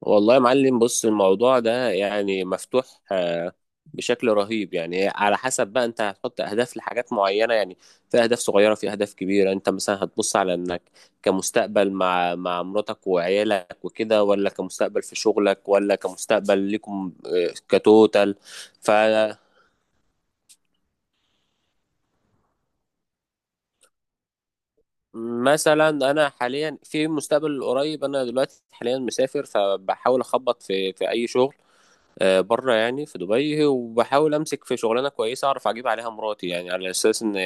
والله يا معلم، بص الموضوع ده يعني مفتوح آه، بشكل رهيب. يعني على حسب بقى انت هتحط اهداف لحاجات معينه يعني. في اهداف صغيره، في اهداف كبيره. انت مثلا هتبص على انك كمستقبل مع مراتك وعيالك وكده، ولا كمستقبل في شغلك، ولا كمستقبل لكم كتوتال. فمثلا انا حاليا في المستقبل القريب، انا دلوقتي حاليا مسافر، فبحاول اخبط في اي شغل بره، يعني في دبي، وبحاول امسك في شغلانه كويسه اعرف اجيب عليها مراتي، يعني على اساس ان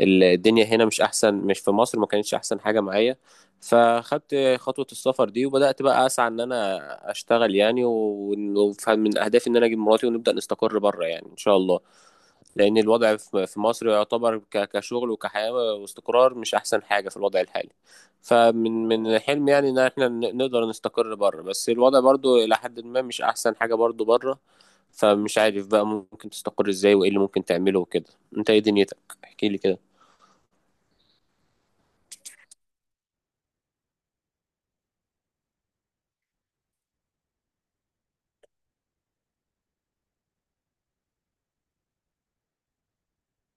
الدنيا هنا مش احسن، مش في مصر ما كانتش احسن حاجه معايا. فخدت خطوه السفر دي، وبدات بقى اسعى ان انا اشتغل يعني، ومن اهدافي ان انا اجيب مراتي ونبدا نستقر بره، يعني ان شاء الله. لأن الوضع في مصر يعتبر كشغل وكحياة واستقرار، مش أحسن حاجة في الوضع الحالي. فمن حلم يعني إن احنا نقدر نستقر بره، بس الوضع برضو إلى حد ما مش أحسن حاجة برضو بره. فمش عارف بقى ممكن تستقر إزاي، وإيه اللي ممكن تعمله وكده. أنت إيه دنيتك؟ احكي لي كده.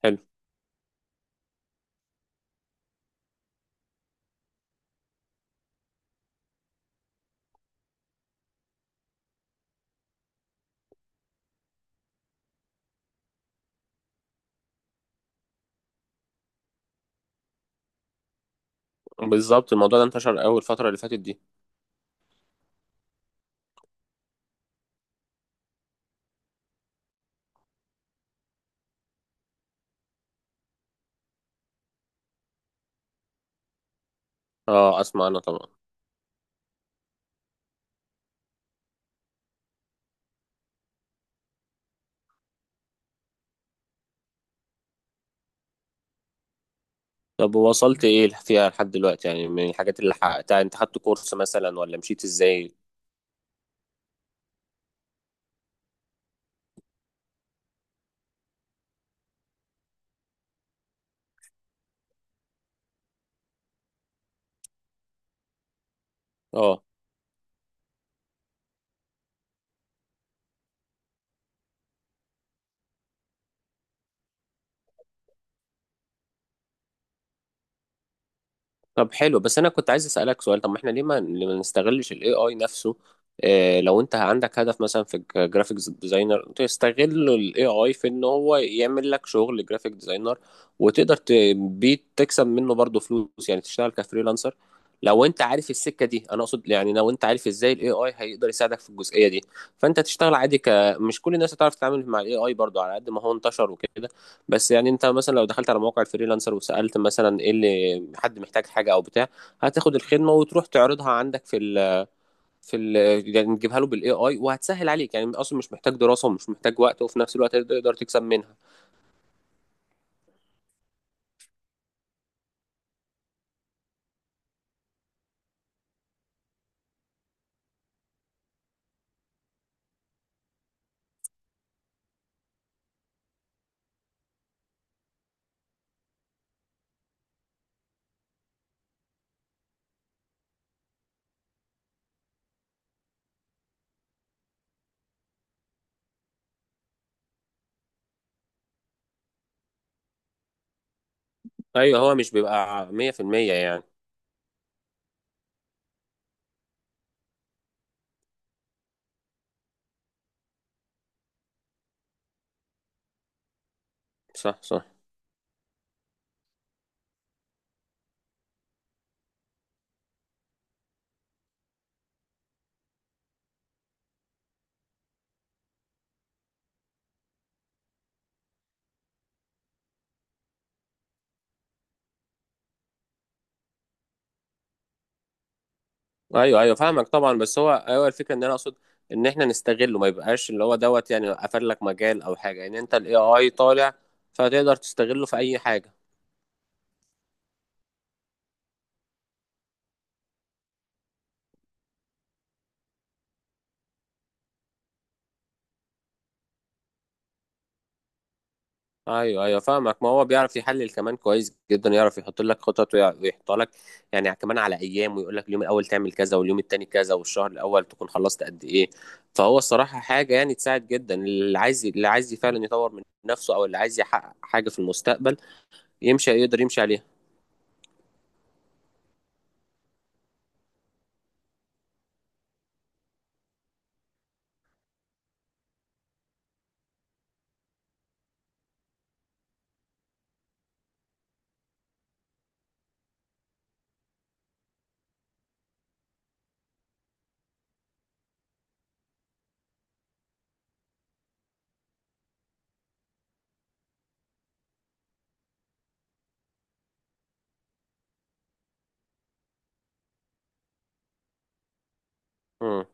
حلو. بالظبط، الموضوع ده انتشر أول الفترة اللي فاتت دي. أه، أسمع أنا طبعا. طب وصلت إيه فيها لحد دلوقتي، يعني من الحاجات اللي حققتها؟ أنت خدت كورس مثلا، ولا مشيت إزاي؟ أه. طب حلو، بس انا كنت عايز اسالك سؤال. طب ما احنا ليه ما نستغلش الاي اي نفسه؟ إيه لو انت عندك هدف مثلا في جرافيكس ديزاينر، تستغل الاي اي في ان هو يعمل لك شغل جرافيك ديزاينر، وتقدر بيه تكسب منه برضه فلوس، يعني تشتغل كفريلانسر. لو انت عارف السكه دي، انا اقصد يعني لو انت عارف ازاي الاي اي هيقدر يساعدك في الجزئيه دي، فانت تشتغل عادي ك. مش كل الناس هتعرف تتعامل مع الاي اي برضه، على قد ما هو انتشر وكده. بس يعني انت مثلا لو دخلت على موقع الفريلانسر، وسألت مثلا ايه اللي حد محتاج حاجة او بتاع، هتاخد الخدمة وتروح تعرضها عندك في ال في ال يعني تجيبها له بالاي اي، وهتسهل عليك يعني، اصلا مش محتاج دراسة ومش محتاج وقت، وفي نفس الوقت تقدر تكسب منها. ايوه، هو مش بيبقى 100% يعني. صح صح. ايوه ايوه فاهمك طبعا، بس هو ايوه الفكرة ان انا اقصد ان احنا نستغله، ما يبقاش اللي هو دوت يعني قفل لك مجال او حاجة، يعني انت الاي اي طالع، فتقدر تستغله في اي حاجة. ايوه ايوه فاهمك، ما هو بيعرف يحلل كمان كويس جدا، يعرف يحط لك خطط ويحطها لك يعني كمان على ايام، ويقول لك اليوم الاول تعمل كذا، واليوم التاني كذا، والشهر الاول تكون خلصت قد ايه. فهو الصراحه حاجه يعني تساعد جدا، اللي عايز فعلا يطور من نفسه، او اللي عايز يحقق حاجه في المستقبل، يمشي يقدر يمشي عليها. امم.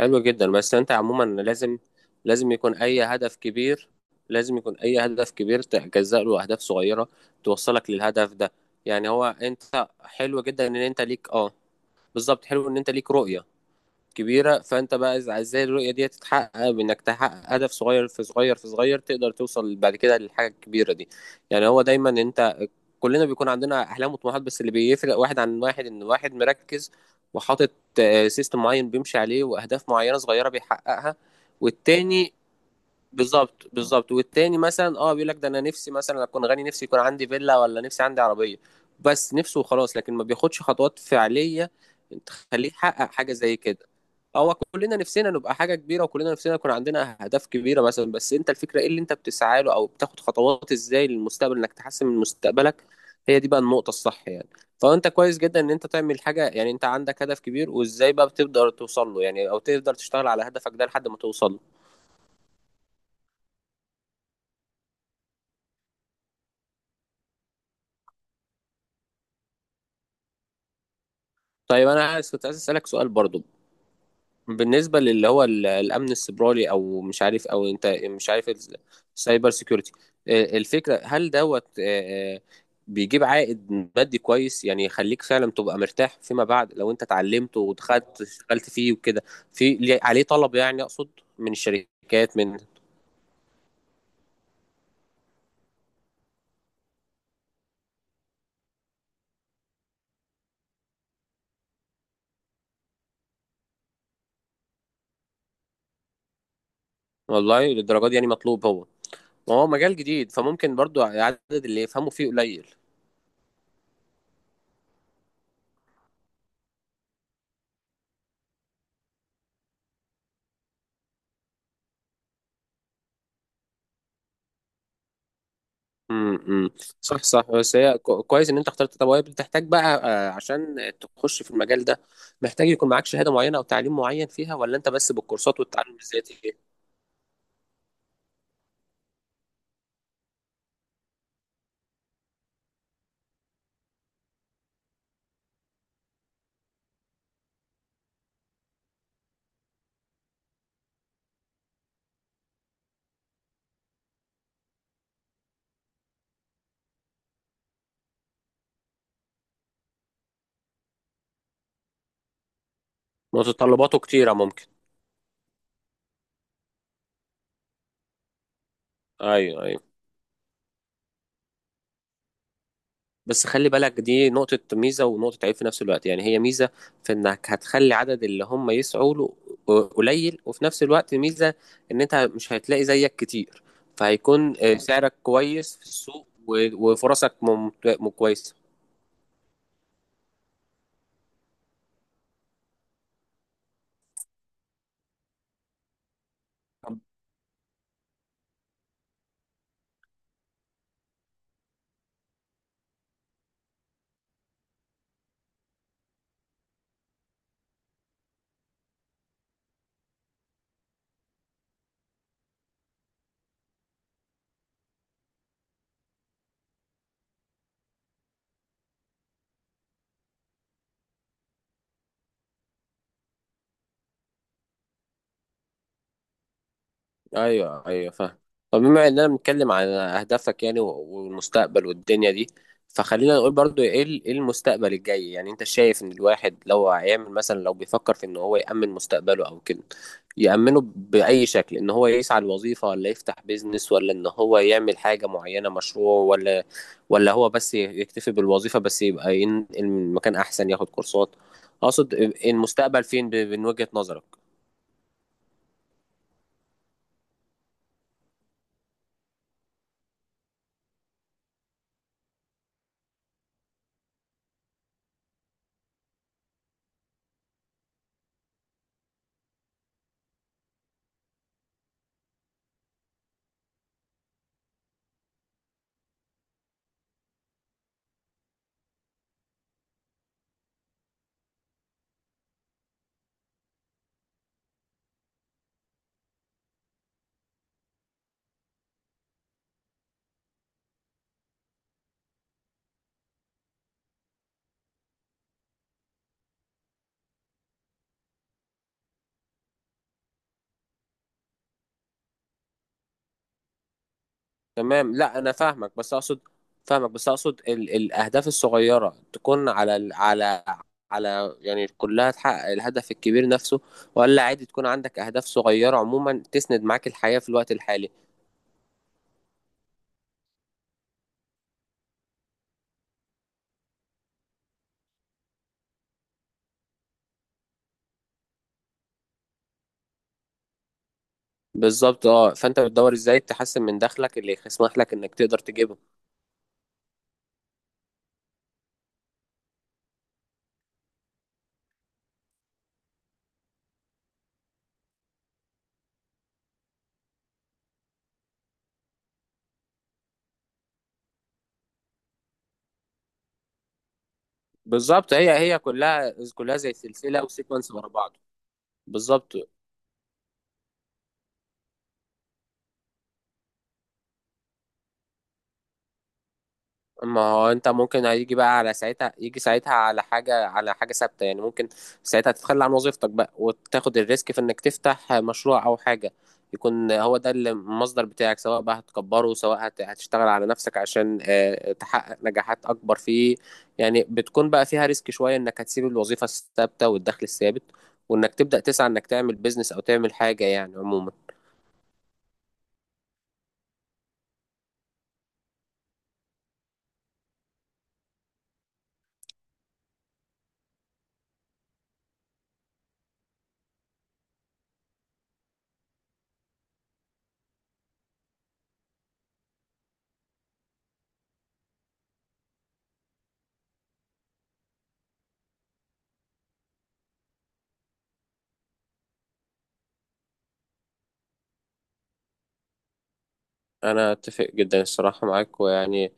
حلو جدا، بس انت عموما لازم. لازم يكون اي هدف كبير لازم يكون اي هدف كبير تجزأ له اهداف صغيره، توصلك للهدف ده. يعني هو انت حلو جدا ان انت ليك، اه. بالظبط، حلو ان انت ليك رؤية كبيرة. فانت بقى ازاي الرؤية دي تتحقق، بانك تحقق هدف صغير في صغير في صغير، تقدر توصل بعد كده للحاجة الكبيرة دي. يعني هو دايما انت، كلنا بيكون عندنا احلام وطموحات، بس اللي بيفرق واحد عن واحد ان واحد مركز وحاطط سيستم معين بيمشي عليه، واهداف معينة صغيرة بيحققها. والتاني، بالظبط بالظبط، والتاني مثلا اه، بيقول لك ده انا نفسي مثلا اكون غني، نفسي يكون عندي فيلا، ولا نفسي عندي عربيه. بس نفسه وخلاص، لكن ما بياخدش خطوات فعليه تخليه يحقق حاجه زي كده. هو كلنا نفسنا نبقى حاجه كبيره، وكلنا نفسنا يكون عندنا اهداف كبيره مثلا، بس انت الفكره ايه اللي انت بتسعى له، او بتاخد خطوات ازاي للمستقبل انك تحسن من مستقبلك. هي دي بقى النقطه الصح يعني. فانت كويس جدا ان انت تعمل حاجه، يعني انت عندك هدف كبير، وازاي بقى بتقدر توصل له يعني، او تقدر تشتغل على هدفك ده لحد ما توصل له. طيب انا عايز، كنت عايز اسالك سؤال برضو. بالنسبه للي هو الامن السيبراني، او مش عارف، او انت مش عارف السايبر سيكيورتي الفكره هل دوت، بيجيب عائد مادي كويس يعني، يخليك فعلا تبقى مرتاح فيما بعد لو انت اتعلمته ودخلت اشتغلت فيه وكده. عليه طلب يعني، اقصد من الشركات، من. والله، للدرجه دي يعني مطلوب هو؟ وهو مجال جديد، فممكن برضو عدد اللي يفهموا فيه قليل. امم. صح صح، بس هي كويس ان انت اخترت. طب وهي بتحتاج بقى عشان تخش في المجال ده، محتاج يكون معاك شهادة معينة او تعليم معين فيها، ولا انت بس بالكورسات والتعلم الذاتي؟ متطلباته كتيرة ممكن؟ ايوه ايوه، بس خلي بالك دي نقطة ميزة ونقطة عيب في نفس الوقت. يعني هي ميزة في انك هتخلي عدد اللي هم يسعوا له قليل، وفي نفس الوقت ميزة ان انت مش هتلاقي زيك كتير. فهيكون سعرك كويس في السوق وفرصك كويسة. ايوه ايوه فاهم. طب بما اننا بنتكلم على اهدافك يعني والمستقبل والدنيا دي، فخلينا نقول برضو ايه إيه المستقبل الجاي؟ يعني انت شايف ان الواحد لو هيعمل مثلا، لو بيفكر في ان هو يأمن مستقبله او كده، يأمنه بأي شكل؟ ان هو يسعى لوظيفة، ولا يفتح بيزنس، ولا ان هو يعمل حاجة معينة مشروع، ولا هو بس يكتفي بالوظيفة، بس يبقى ينقل من مكان احسن، ياخد كورسات. اقصد إيه المستقبل فين من وجهة نظرك؟ تمام، لا انا فاهمك بس اقصد، الاهداف الصغيره تكون على على يعني كلها تحقق الهدف الكبير نفسه، ولا عادي تكون عندك اهداف صغيره عموما تسند معاك الحياه في الوقت الحالي؟ بالظبط اه، فانت بتدور ازاي تحسن من دخلك اللي يسمح لك انك تقدر تجيبه. بالظبط، هي كلها زي سلسله وسيكونس ورا بعض. بالظبط، ما هو انت ممكن هيجي بقى على ساعتها، يجي ساعتها على حاجة، ثابتة يعني، ممكن ساعتها تتخلى عن وظيفتك بقى، وتاخد الريسك في انك تفتح مشروع او حاجة يكون هو ده اللي المصدر بتاعك، سواء بقى هتكبره، سواء هتشتغل على نفسك عشان تحقق نجاحات اكبر فيه. يعني بتكون بقى فيها ريسك شوية، انك هتسيب الوظيفة الثابتة والدخل الثابت، وانك تبدأ تسعى انك تعمل بيزنس، او تعمل حاجة يعني عموما. انا اتفق جدا الصراحه معاك، ويعني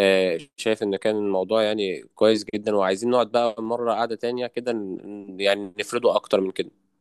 شايف ان كان الموضوع يعني كويس جدا، وعايزين نقعد بقى مره قعده تانية كده، يعني نفرده اكتر من كده.